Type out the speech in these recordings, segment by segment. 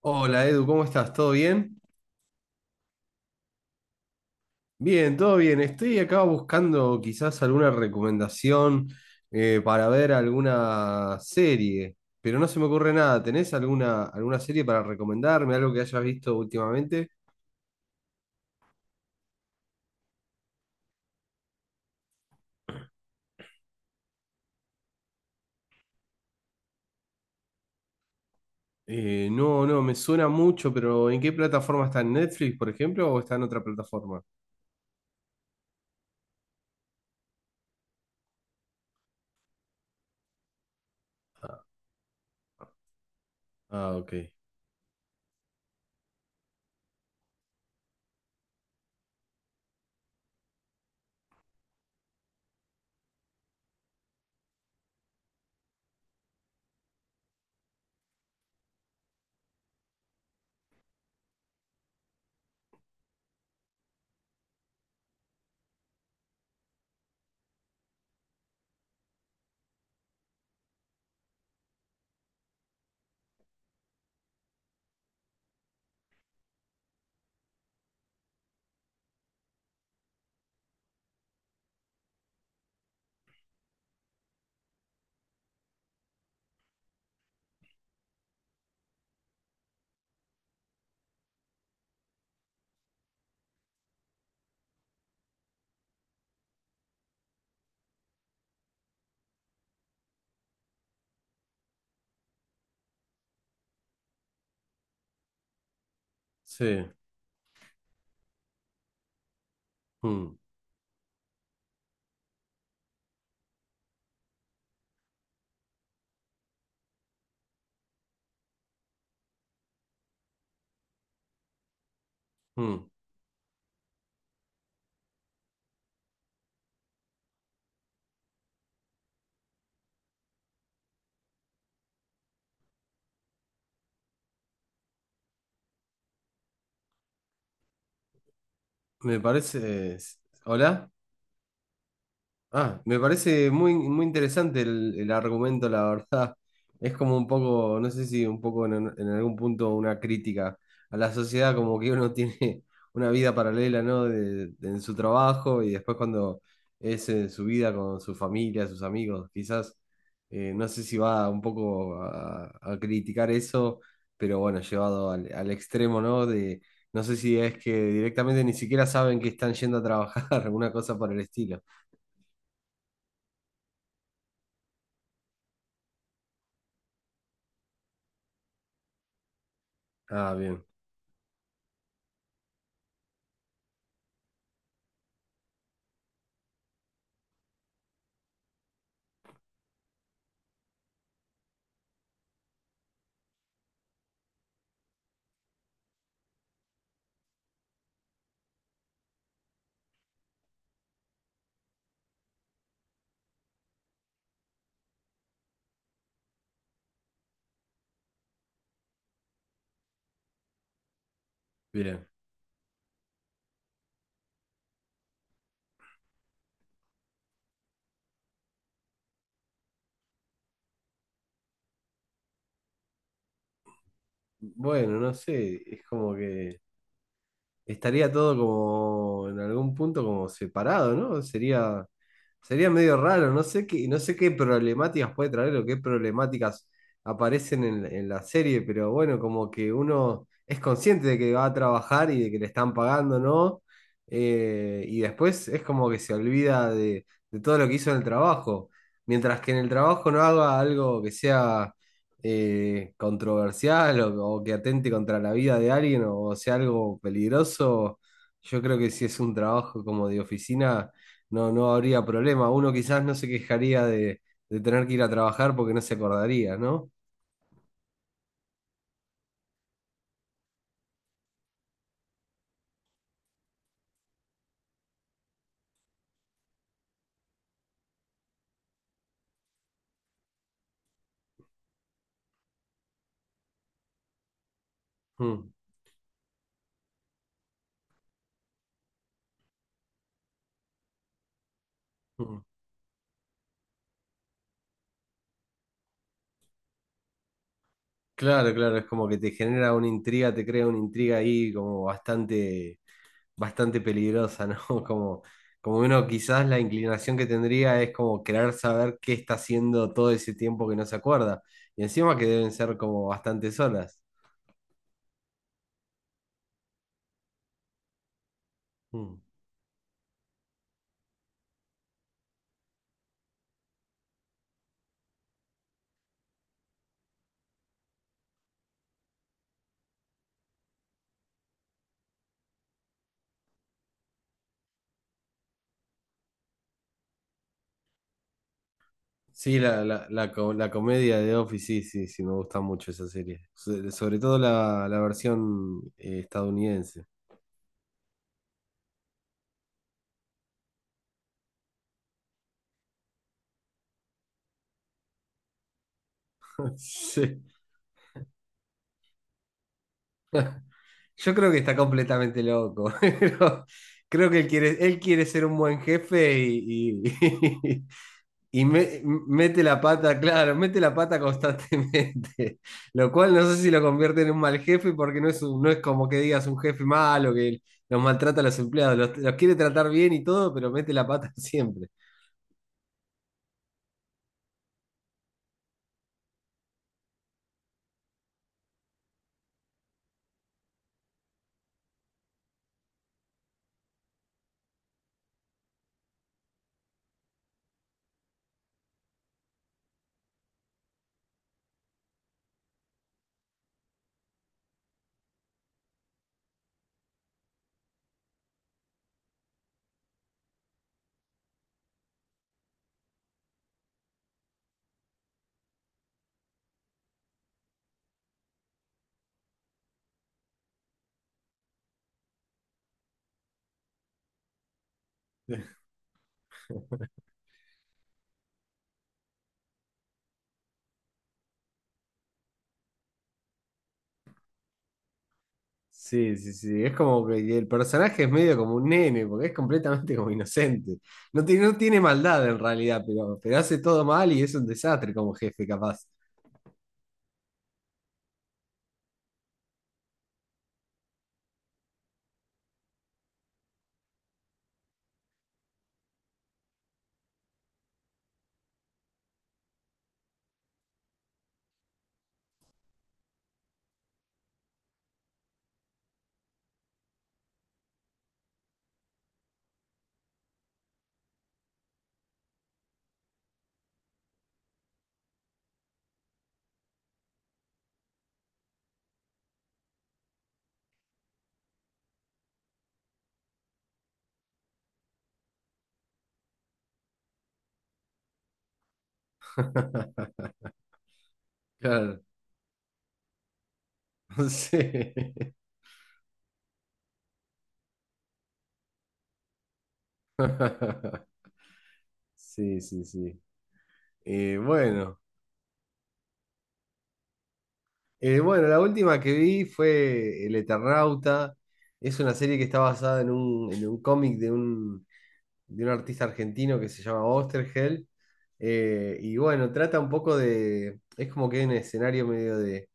Hola Edu, ¿cómo estás? ¿Todo bien? Bien, todo bien. Estoy acá buscando quizás alguna recomendación para ver alguna serie, pero no se me ocurre nada. ¿Tenés alguna serie para recomendarme? ¿Algo que hayas visto últimamente? No, no, me suena mucho, pero ¿en qué plataforma está? ¿En Netflix, por ejemplo, o está en otra plataforma? Ah, ok. Sí. Mm, mm. Me parece... ¿Hola? Ah, me parece muy interesante el argumento, la verdad. Es como un poco, no sé si un poco en algún punto una crítica a la sociedad, como que uno tiene una vida paralela, ¿no? En su trabajo y después cuando es su vida con su familia, sus amigos, quizás, no sé si va un poco a criticar eso, pero bueno, llevado al extremo, ¿no? De, no sé si es que directamente ni siquiera saben que están yendo a trabajar, alguna cosa por el estilo. Ah, bien. Bien. Bueno, no sé, es como que estaría todo como en algún punto como separado, ¿no? Sería medio raro, no sé qué, no sé qué problemáticas puede traer o qué problemáticas aparecen en la serie, pero bueno, como que uno es consciente de que va a trabajar y de que le están pagando, ¿no? Y después es como que se olvida de todo lo que hizo en el trabajo. Mientras que en el trabajo no haga algo que sea controversial o que atente contra la vida de alguien o sea algo peligroso, yo creo que si es un trabajo como de oficina, no, no habría problema. Uno quizás no se quejaría de tener que ir a trabajar porque no se acordaría, ¿no? Mm, mm. Claro, claro, es como que te genera una intriga, te crea una intriga ahí como bastante bastante peligrosa, ¿no? Como, como uno quizás la inclinación que tendría es como querer saber qué está haciendo todo ese tiempo que no se acuerda. Y encima que deben ser como bastantes horas. Mm. Sí, la comedia de Office, sí, sí, sí, me gusta mucho esa serie. Sobre todo la versión estadounidense. Sí. Yo creo que está completamente loco. Pero creo que él quiere ser un buen jefe mete la pata, claro, mete la pata constantemente, lo cual no sé si lo convierte en un mal jefe porque no es como que digas un jefe malo que los maltrata a los empleados, los quiere tratar bien y todo, pero mete la pata siempre. Sí, sí, sí, es como que el personaje es medio como un nene, porque es completamente como inocente. No tiene maldad en realidad, pero hace todo mal y es un desastre como jefe, capaz. Claro, no sí, sí, sí. Bueno. Bueno, la última que vi fue El Eternauta. Es una serie que está basada en un cómic de un artista argentino que se llama Osterhel. Y bueno, trata un poco de... Es como que hay un escenario medio de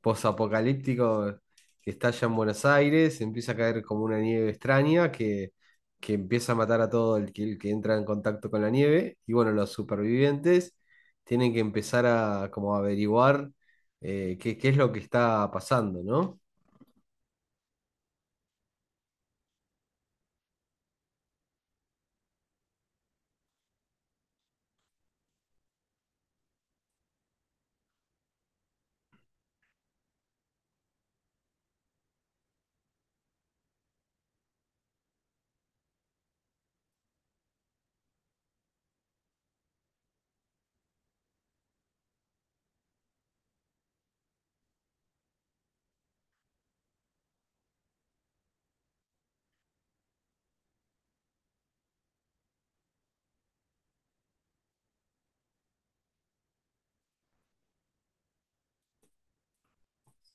posapocalíptico que está allá en Buenos Aires, empieza a caer como una nieve extraña que empieza a matar a todo el que entra en contacto con la nieve. Y bueno, los supervivientes tienen que empezar a como averiguar qué es lo que está pasando, ¿no?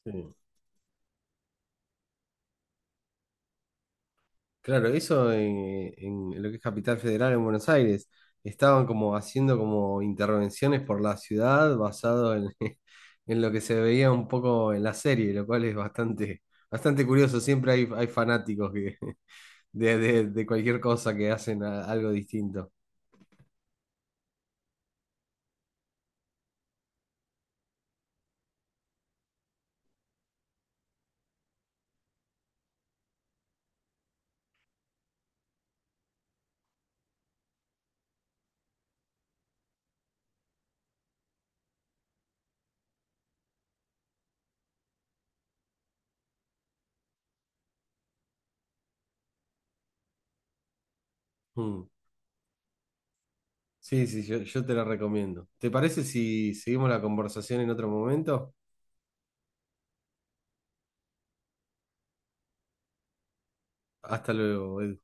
Sí. Claro, eso en lo que es Capital Federal en Buenos Aires. Estaban como haciendo como intervenciones por la ciudad basado en, en lo que se veía un poco en la serie, lo cual es bastante, bastante curioso. Siempre hay fanáticos que, de cualquier cosa que hacen algo distinto. Mm. Sí, sí, yo te la recomiendo. ¿Te parece si seguimos la conversación en otro momento? Hasta luego, Edu.